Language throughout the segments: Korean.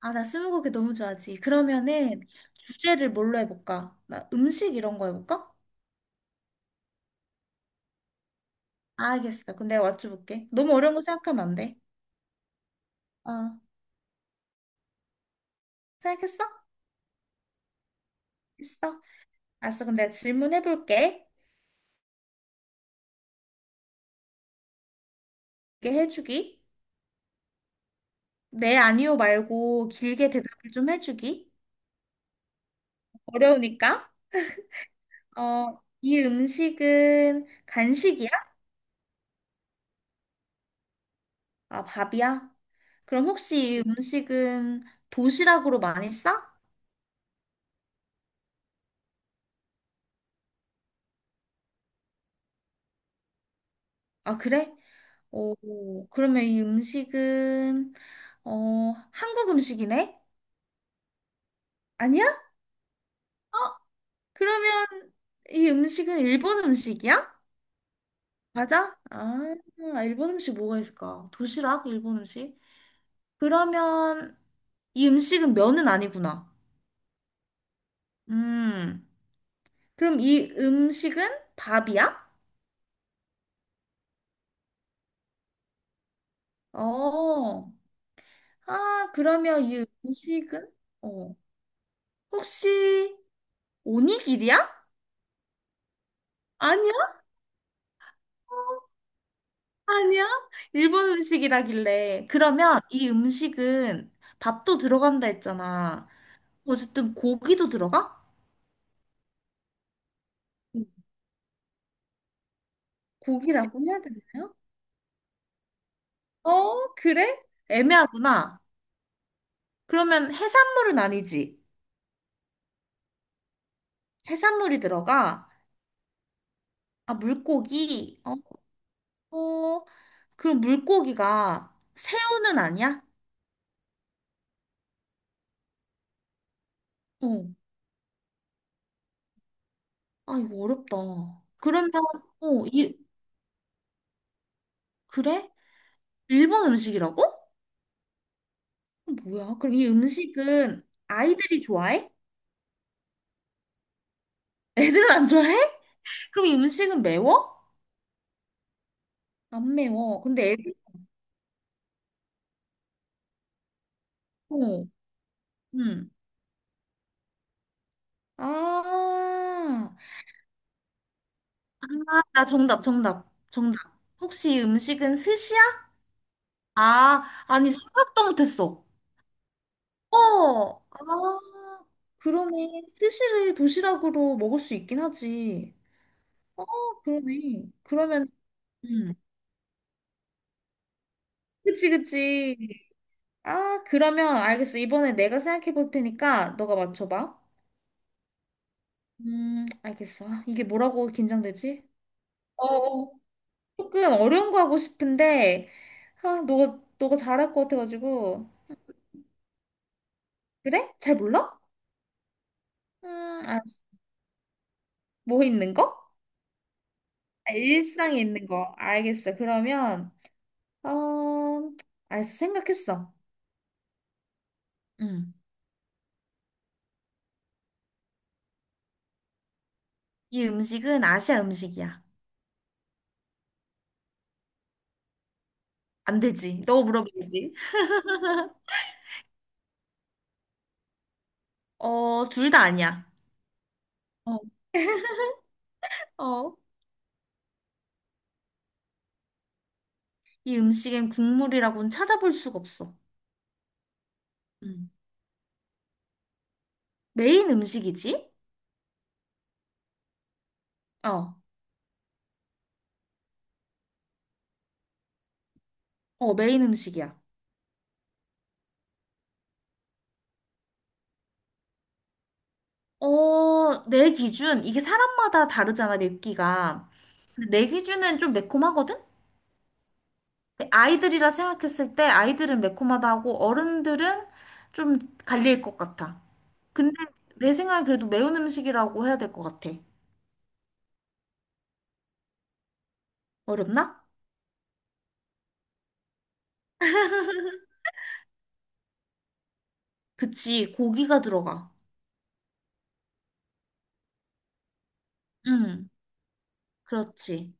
아, 나 스무고개 너무 좋아하지. 그러면은 주제를 뭘로 해볼까? 나 음식 이런 거 해볼까? 알겠어. 그럼 내가 맞춰볼게. 너무 어려운 거 생각하면 안 돼. 어, 생각했어? 있어. 알았어. 그럼 내가 질문해볼게. 이게 해주기. 네, 아니요 말고 길게 대답을 좀 해주기. 어려우니까. 어, 이 음식은 간식이야? 아, 밥이야? 그럼 혹시 이 음식은 도시락으로 많이 싸? 아, 그래? 오, 그러면 이 음식은, 어, 한국 음식이네? 아니야? 어, 그러면 이 음식은 일본 음식이야? 맞아? 아, 일본 음식 뭐가 있을까? 도시락? 일본 음식? 그러면 이 음식은 면은 아니구나. 음, 그럼 이 음식은 밥이야? 어, 아, 그러면 이 음식은, 어, 혹시 오니기리야? 아니 아니야? 일본 음식이라길래. 그러면 이 음식은 밥도 들어간다 했잖아. 어쨌든 고기도 들어가? 고기라고 해야 되나요? 어, 그래? 애매하구나. 그러면 해산물은 아니지. 해산물이 들어가. 아, 물고기. 어, 어. 그럼 물고기가 새우는 아니야? 어. 아, 이거 어렵다. 그러면, 어, 이, 그래? 일본 음식이라고? 어, 뭐야? 그럼 이 음식은 아이들이 좋아해? 애들은 안 좋아해? 그럼 이 음식은 매워? 안 매워. 근데 애들, 어, 응. 아, 아, 나 정답, 정답, 정답. 혹시 이 음식은 스시야? 아, 아니, 생각도 못했어. 어, 아, 그러네. 스시를 도시락으로 먹을 수 있긴 하지. 어, 그러네. 그러면, 음, 그치, 그치. 아, 그러면 알겠어. 이번에 내가 생각해 볼 테니까 너가 맞춰봐. 알겠어. 아, 이게 뭐라고 긴장되지? 어, 어. 조금 어려운 거 하고 싶은데, 아, 너가 잘할 것 같아가지고. 그래? 잘 몰라? 음, 알았어. 뭐 있는 거? 아, 일상에 있는 거. 알겠어. 그러면, 어, 알았어. 생각했어. 음. 이 음식은 아시아 음식이야. 안 되지. 너 물어봐야지. 어, 둘 다 아니야. 어. 어. 이 음식엔 국물이라고는 찾아볼 수가 없어. 음. 메인 음식이지? 어, 어, 메인 음식이야. 어, 내 기준, 이게 사람마다 다르잖아, 맵기가. 근데 내 기준은 좀 매콤하거든? 근데 아이들이라 생각했을 때 아이들은 매콤하다고 어른들은 좀 갈릴 것 같아. 근데 내 생각엔 그래도 매운 음식이라고 해야 될 것 같아. 어렵나? 그치, 고기가 들어가. 응, 그렇지.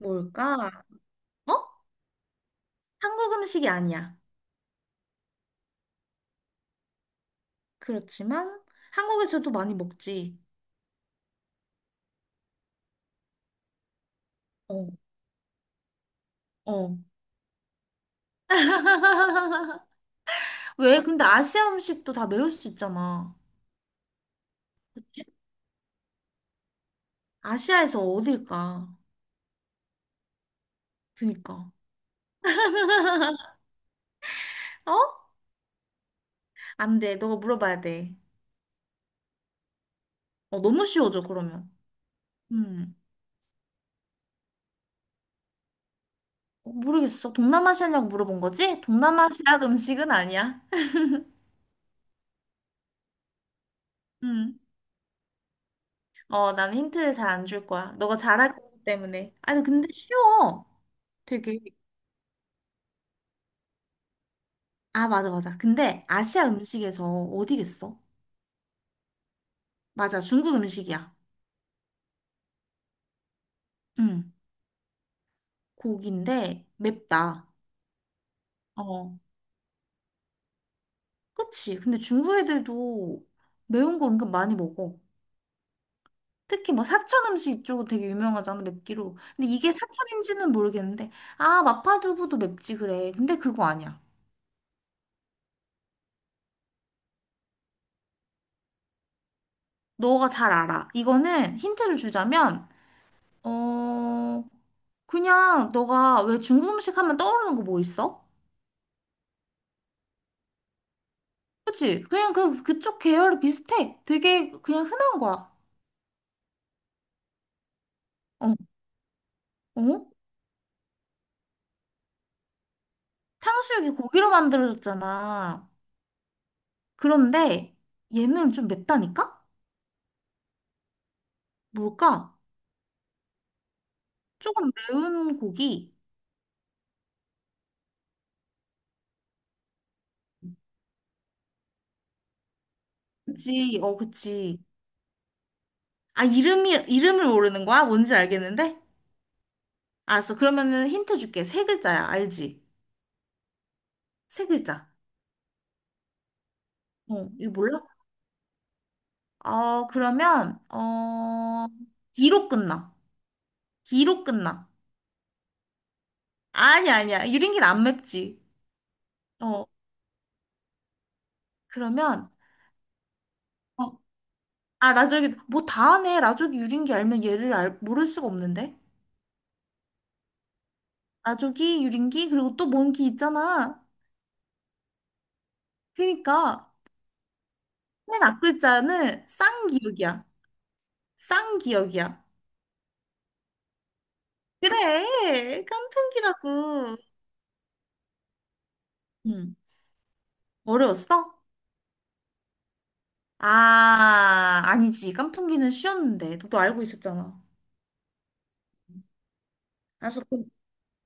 뭘까? 어? 한국 음식이 아니야. 그렇지만 한국에서도 많이 먹지. 어, 어. 왜? 근데 아시아 음식도 다 매울 수 있잖아. 아시아에서 어딜까? 그니까. 어? 안 돼. 너가 물어봐야 돼. 어, 너무 쉬워져, 그러면. 음. 어, 모르겠어. 동남아시아냐고 물어본 거지? 동남아시아 음식은 아니야. 음. 어, 난 힌트를 잘 안 줄 거야. 너가 잘할 거기 때문에. 아니, 근데 쉬워. 되게. 아, 맞아, 맞아. 근데 아시아 음식에서 어디겠어? 맞아, 중국 음식이야. 응, 고기인데 맵다. 어, 그치? 근데 중국 애들도 매운 거 은근 많이 먹어. 특히 뭐 사천 음식 이쪽은 되게 유명하잖아, 맵기로. 근데 이게 사천인지는 모르겠는데, 아, 마파두부도 맵지, 그래. 근데 그거 아니야. 너가 잘 알아. 이거는 힌트를 주자면, 어, 그냥 너가 왜 중국 음식 하면 떠오르는 거 뭐 있어? 그치? 그냥 그쪽 계열이 비슷해. 되게 그냥 흔한 거야. 어, 어? 탕수육이 고기로 만들어졌잖아. 그런데 얘는 좀 맵다니까? 뭘까? 조금 매운 고기. 그치, 어, 그치. 아, 이름을 모르는 거야? 뭔지 알겠는데? 알았어. 그러면은 힌트 줄게. 세 글자야. 알지? 세 글자. 어, 이거 몰라? 어, 그러면, 어, 기로 끝나. 기로 끝나. 아니, 아니야. 유린기는 안 맵지. 어, 그러면, 어, 아, 라조기, 뭐 다 하네. 라조기 유린기 알면 얘를 알, 모를 수가 없는데? 나조기, 유린기, 그리고 또 뭔 기 있잖아. 그니까 맨 앞글자는 쌍기역이야. 쌍기역이야. 그래, 깐풍기라고. 응, 어려웠어? 아, 아니지. 깐풍기는 쉬웠는데. 너도 알고 있었잖아. 알았어. 그럼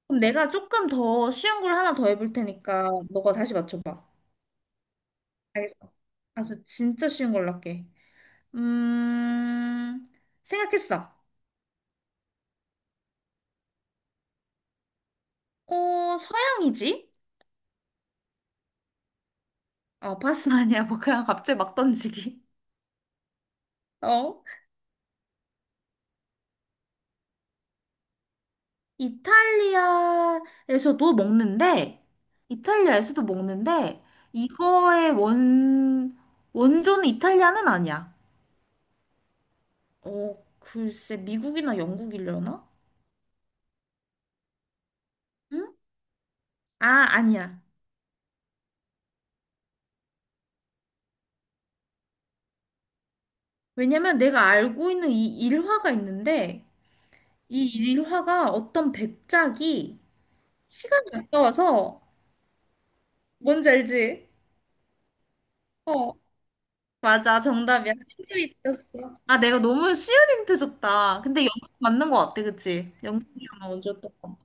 그럼 내가 조금 더 쉬운 걸 하나 더 해볼 테니까 너가 다시 맞춰봐. 알겠어. 알았어. 진짜 쉬운 걸로 할게. 음, 생각했어. 어, 서양이지? 어, 파스 아니야. 뭐 그냥 갑자기 막 던지기. 어? 이탈리아에서도 먹는데, 이탈리아에서도 먹는데, 이거의 원, 원조는 이탈리아는 아니야. 어, 글쎄, 미국이나 영국이려나? 응? 아, 아니야. 왜냐면 내가 알고 있는 이 일화가 있는데, 이 일화가 어떤 백작이 시간이 아까워서, 뭔지 알지? 어, 맞아, 정답이야. 힌트었어 아, 내가 너무 쉬운 힌트 줬다. 근데 영국 맞는 거 같아, 그치? 영국이랑 언제였던 거.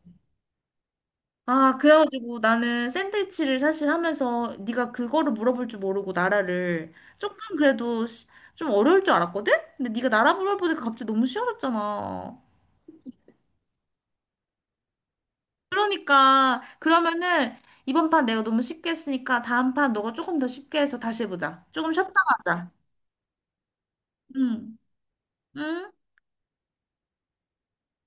아, 그래가지고 나는 샌드위치를 사실 하면서 네가 그거를 물어볼 줄 모르고 나라를 조금 그래도 시- 좀 어려울 줄 알았거든? 근데 네가 나라 물어보니까 갑자기 너무 쉬워졌잖아. 그러니까 그러면은 이번 판 내가 너무 쉽게 했으니까 다음 판 너가 조금 더 쉽게 해서 다시 해보자. 조금 쉬었다가 하자. 응. 응?